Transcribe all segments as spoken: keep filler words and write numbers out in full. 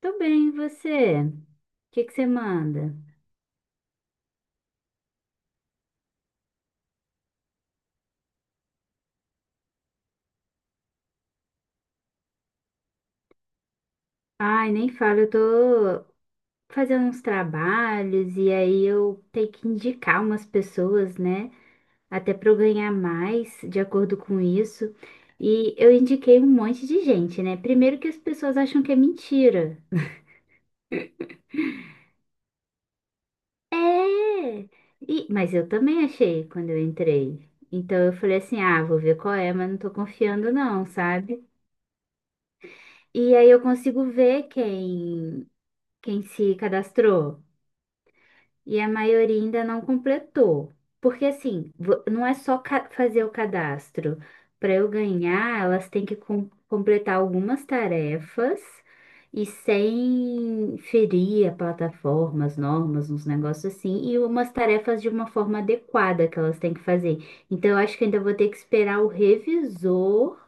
Tô bem, e você? O que que você manda? Ai, nem falo, eu tô fazendo uns trabalhos e aí eu tenho que indicar umas pessoas, né? Até para eu ganhar mais de acordo com isso. E eu indiquei um monte de gente, né? Primeiro que as pessoas acham que é mentira. É! E, mas eu também achei quando eu entrei. Então eu falei assim: ah, vou ver qual é, mas não tô confiando, não, sabe? E aí eu consigo ver quem. Quem se cadastrou e a maioria ainda não completou. Porque assim, vo- não é só ca- fazer o cadastro. Para eu ganhar, elas têm que com- completar algumas tarefas e sem ferir a plataforma, as normas, uns negócios assim, e umas tarefas de uma forma adequada que elas têm que fazer. Então, eu acho que ainda vou ter que esperar o revisor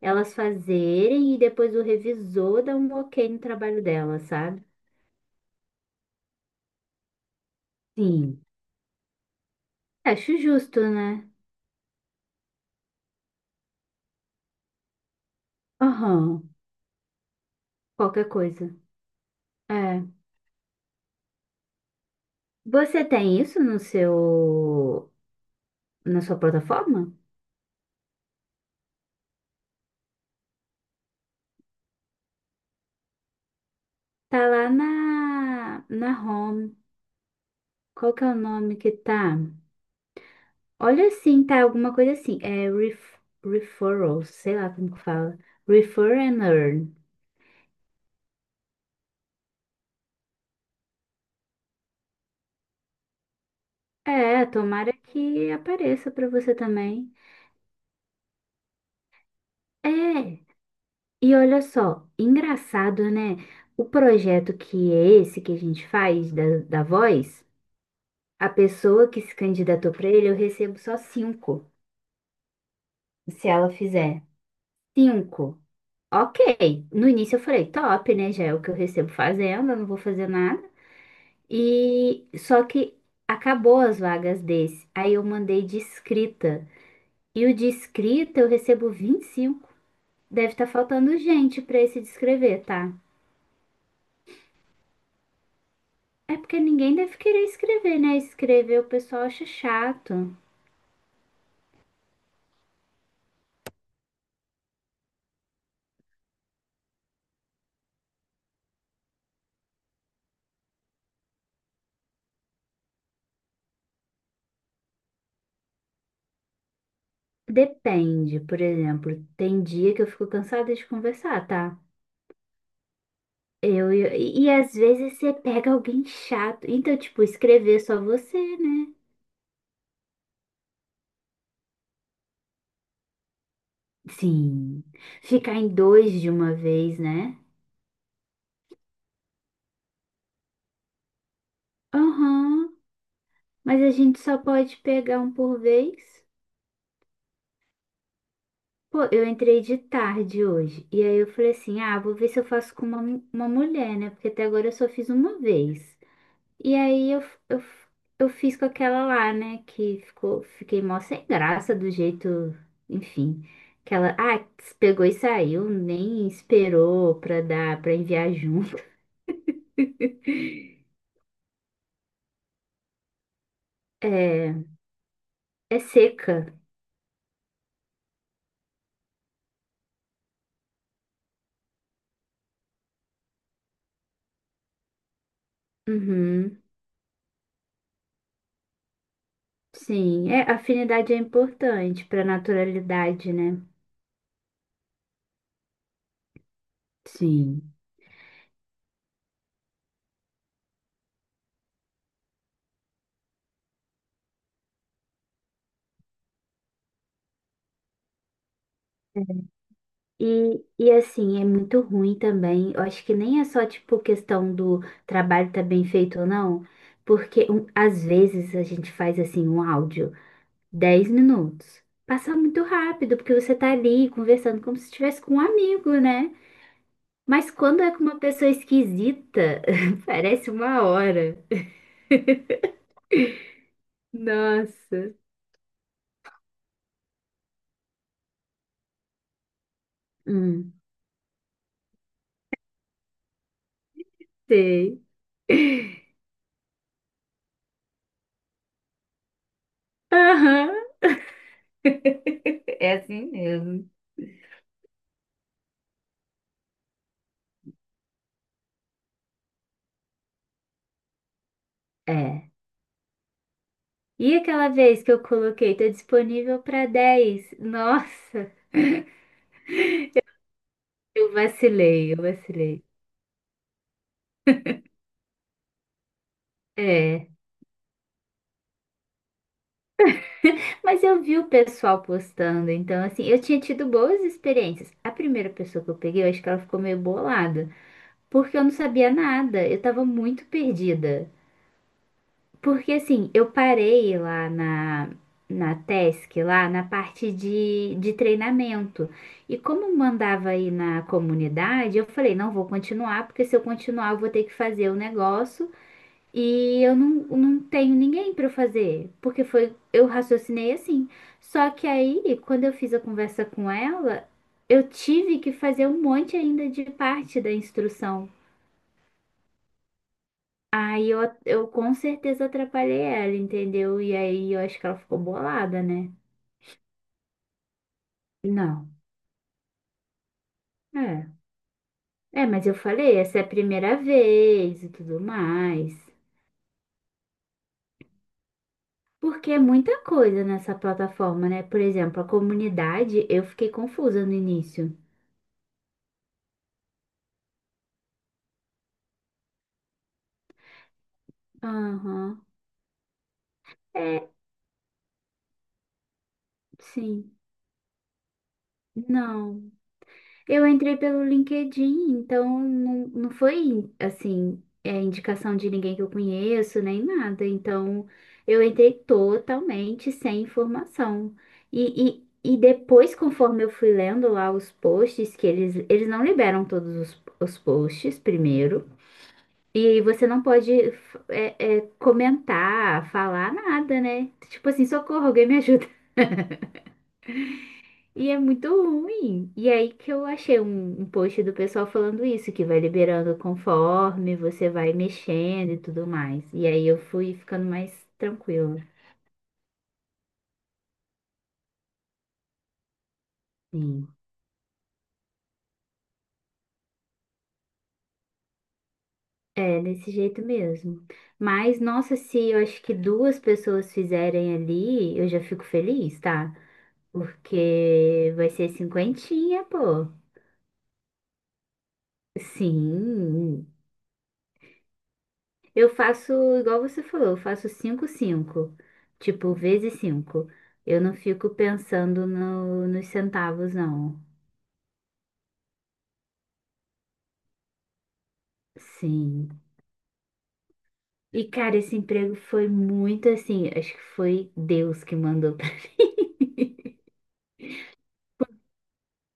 elas fazerem e depois o revisor dar um ok no trabalho delas, sabe? Sim. Acho justo, né? Aham, qualquer coisa. É. Você tem isso no seu, na sua plataforma? Tá lá na, na home. Qual que é o nome que tá? Olha assim, tá alguma coisa assim. É ref, referrals, sei lá como que fala. Refer and earn. É, tomara que apareça pra você também. É. E olha só, engraçado, né? O projeto que é esse que a gente faz da, da voz. A pessoa que se candidatou para ele, eu recebo só cinco. Se ela fizer cinco, ok. No início eu falei, top, né? Já é o que eu recebo fazendo, eu não vou fazer nada. E só que acabou as vagas desse. Aí eu mandei de escrita. E o de escrita eu recebo vinte e cinco. Deve estar faltando gente para esse de escrever, tá? É porque ninguém deve querer escrever, né? Escrever o pessoal acha chato. Depende, por exemplo, tem dia que eu fico cansada de conversar, tá? Eu, eu- e e às vezes você pega alguém chato. Então, tipo, escrever só você, né? Sim. Ficar em dois de uma vez, né? Aham. Mas a gente só pode pegar um por vez. Pô, eu entrei de tarde hoje. E aí eu falei assim: ah, vou ver se eu faço com uma, mu- uma mulher, né? Porque até agora eu só fiz uma vez. E aí eu, eu, eu fiz com aquela lá, né? Que ficou, fiquei mó sem graça do jeito, enfim. Que ela, ah, pegou e saiu, nem esperou pra dar, pra enviar junto. É, é seca. Uhum, sim, é, afinidade é importante pra naturalidade, né? Sim. E, e assim, é muito ruim também. Eu acho que nem é só, tipo, questão do trabalho tá bem feito ou não, porque um, às vezes a gente faz, assim, um áudio, dez minutos. Passa muito rápido, porque você tá ali conversando como se estivesse com um amigo, né? Mas quando é com uma pessoa esquisita, parece uma hora. Nossa. Hum, Sei. Aham. É assim mesmo. É. E aquela vez que eu coloquei, tá disponível para dez. Nossa, eu vacilei, eu vacilei. É, mas eu vi o pessoal postando, então assim, eu tinha tido boas experiências. A primeira pessoa que eu peguei, eu acho que ela ficou meio bolada, porque eu não sabia nada, eu tava muito perdida. Porque assim, eu parei lá na, na T E S C, lá na parte de, de treinamento. E como mandava aí na comunidade, eu falei, não vou continuar, porque se eu continuar, eu vou ter que fazer o negócio e eu não, não tenho ninguém para fazer. Porque foi, eu raciocinei assim. Só que aí, quando eu fiz a conversa com ela, eu tive que fazer um monte ainda de parte da instrução. Aí eu, eu com certeza atrapalhei ela, entendeu? E aí eu acho que ela ficou bolada, né? Não. É. É, mas eu falei, essa é a primeira vez e tudo mais. Porque é muita coisa nessa plataforma, né? Por exemplo, a comunidade, eu fiquei confusa no início. Aham. É, sim. Não. Eu entrei pelo LinkedIn, então não, não foi assim, é, indicação de ninguém que eu conheço, nem nada. Então eu entrei totalmente sem informação. E, e, e depois, conforme eu fui lendo lá os posts, que eles, eles não liberam todos os, os posts primeiro. E você não pode f- é, é, comentar, falar nada, né? Tipo assim, socorro, alguém me ajuda. E é muito ruim. E aí que eu achei um, um post do pessoal falando isso, que vai liberando conforme você vai mexendo e tudo mais. E aí eu fui ficando mais tranquila. Sim. É, desse jeito mesmo. Mas, nossa, se eu acho que duas pessoas fizerem ali, eu já fico feliz, tá? Porque vai ser cinquentinha, pô. Sim, Eu faço igual você falou, eu faço cinco cinco, tipo, vezes cinco. Eu não fico pensando no- nos centavos, não. Sim. E, cara, esse emprego foi muito assim, acho que foi Deus que mandou pra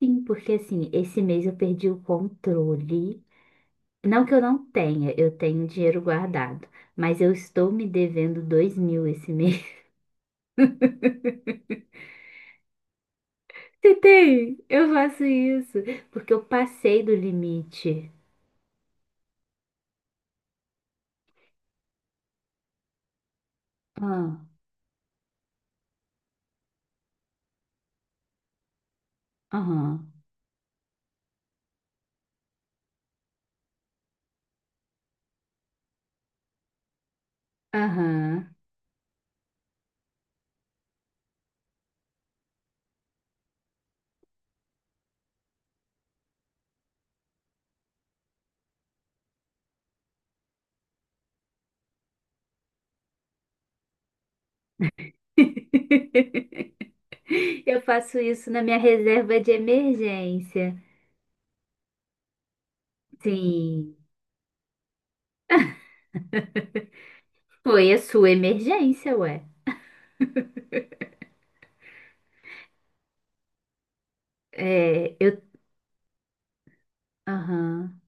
mim, porque assim, esse mês eu perdi o controle. Não que eu não tenha, eu tenho dinheiro guardado, mas eu estou me devendo dois mil esse mês. Você tem? Eu faço isso, porque eu passei do limite. Ah, aham. Aham. Eu faço isso na minha reserva de emergência. Sim, foi a sua emergência, ué. É, eu, aham.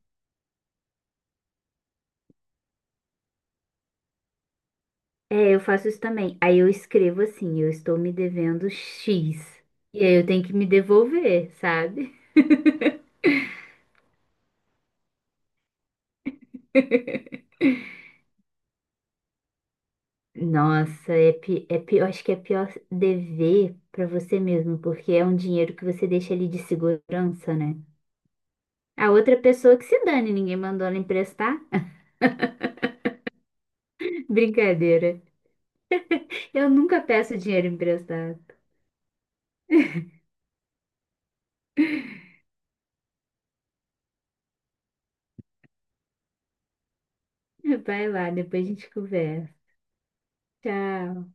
É, eu faço isso também. Aí eu escrevo assim, eu estou me devendo X. E aí eu tenho que me devolver, sabe? Nossa, é, pi- é pior, acho que é pior dever pra você mesmo, porque é um dinheiro que você deixa ali de segurança, né? A outra pessoa que se dane, ninguém mandou ela emprestar. Brincadeira. Eu nunca peço dinheiro emprestado. Vai lá, depois a gente conversa. Tchau.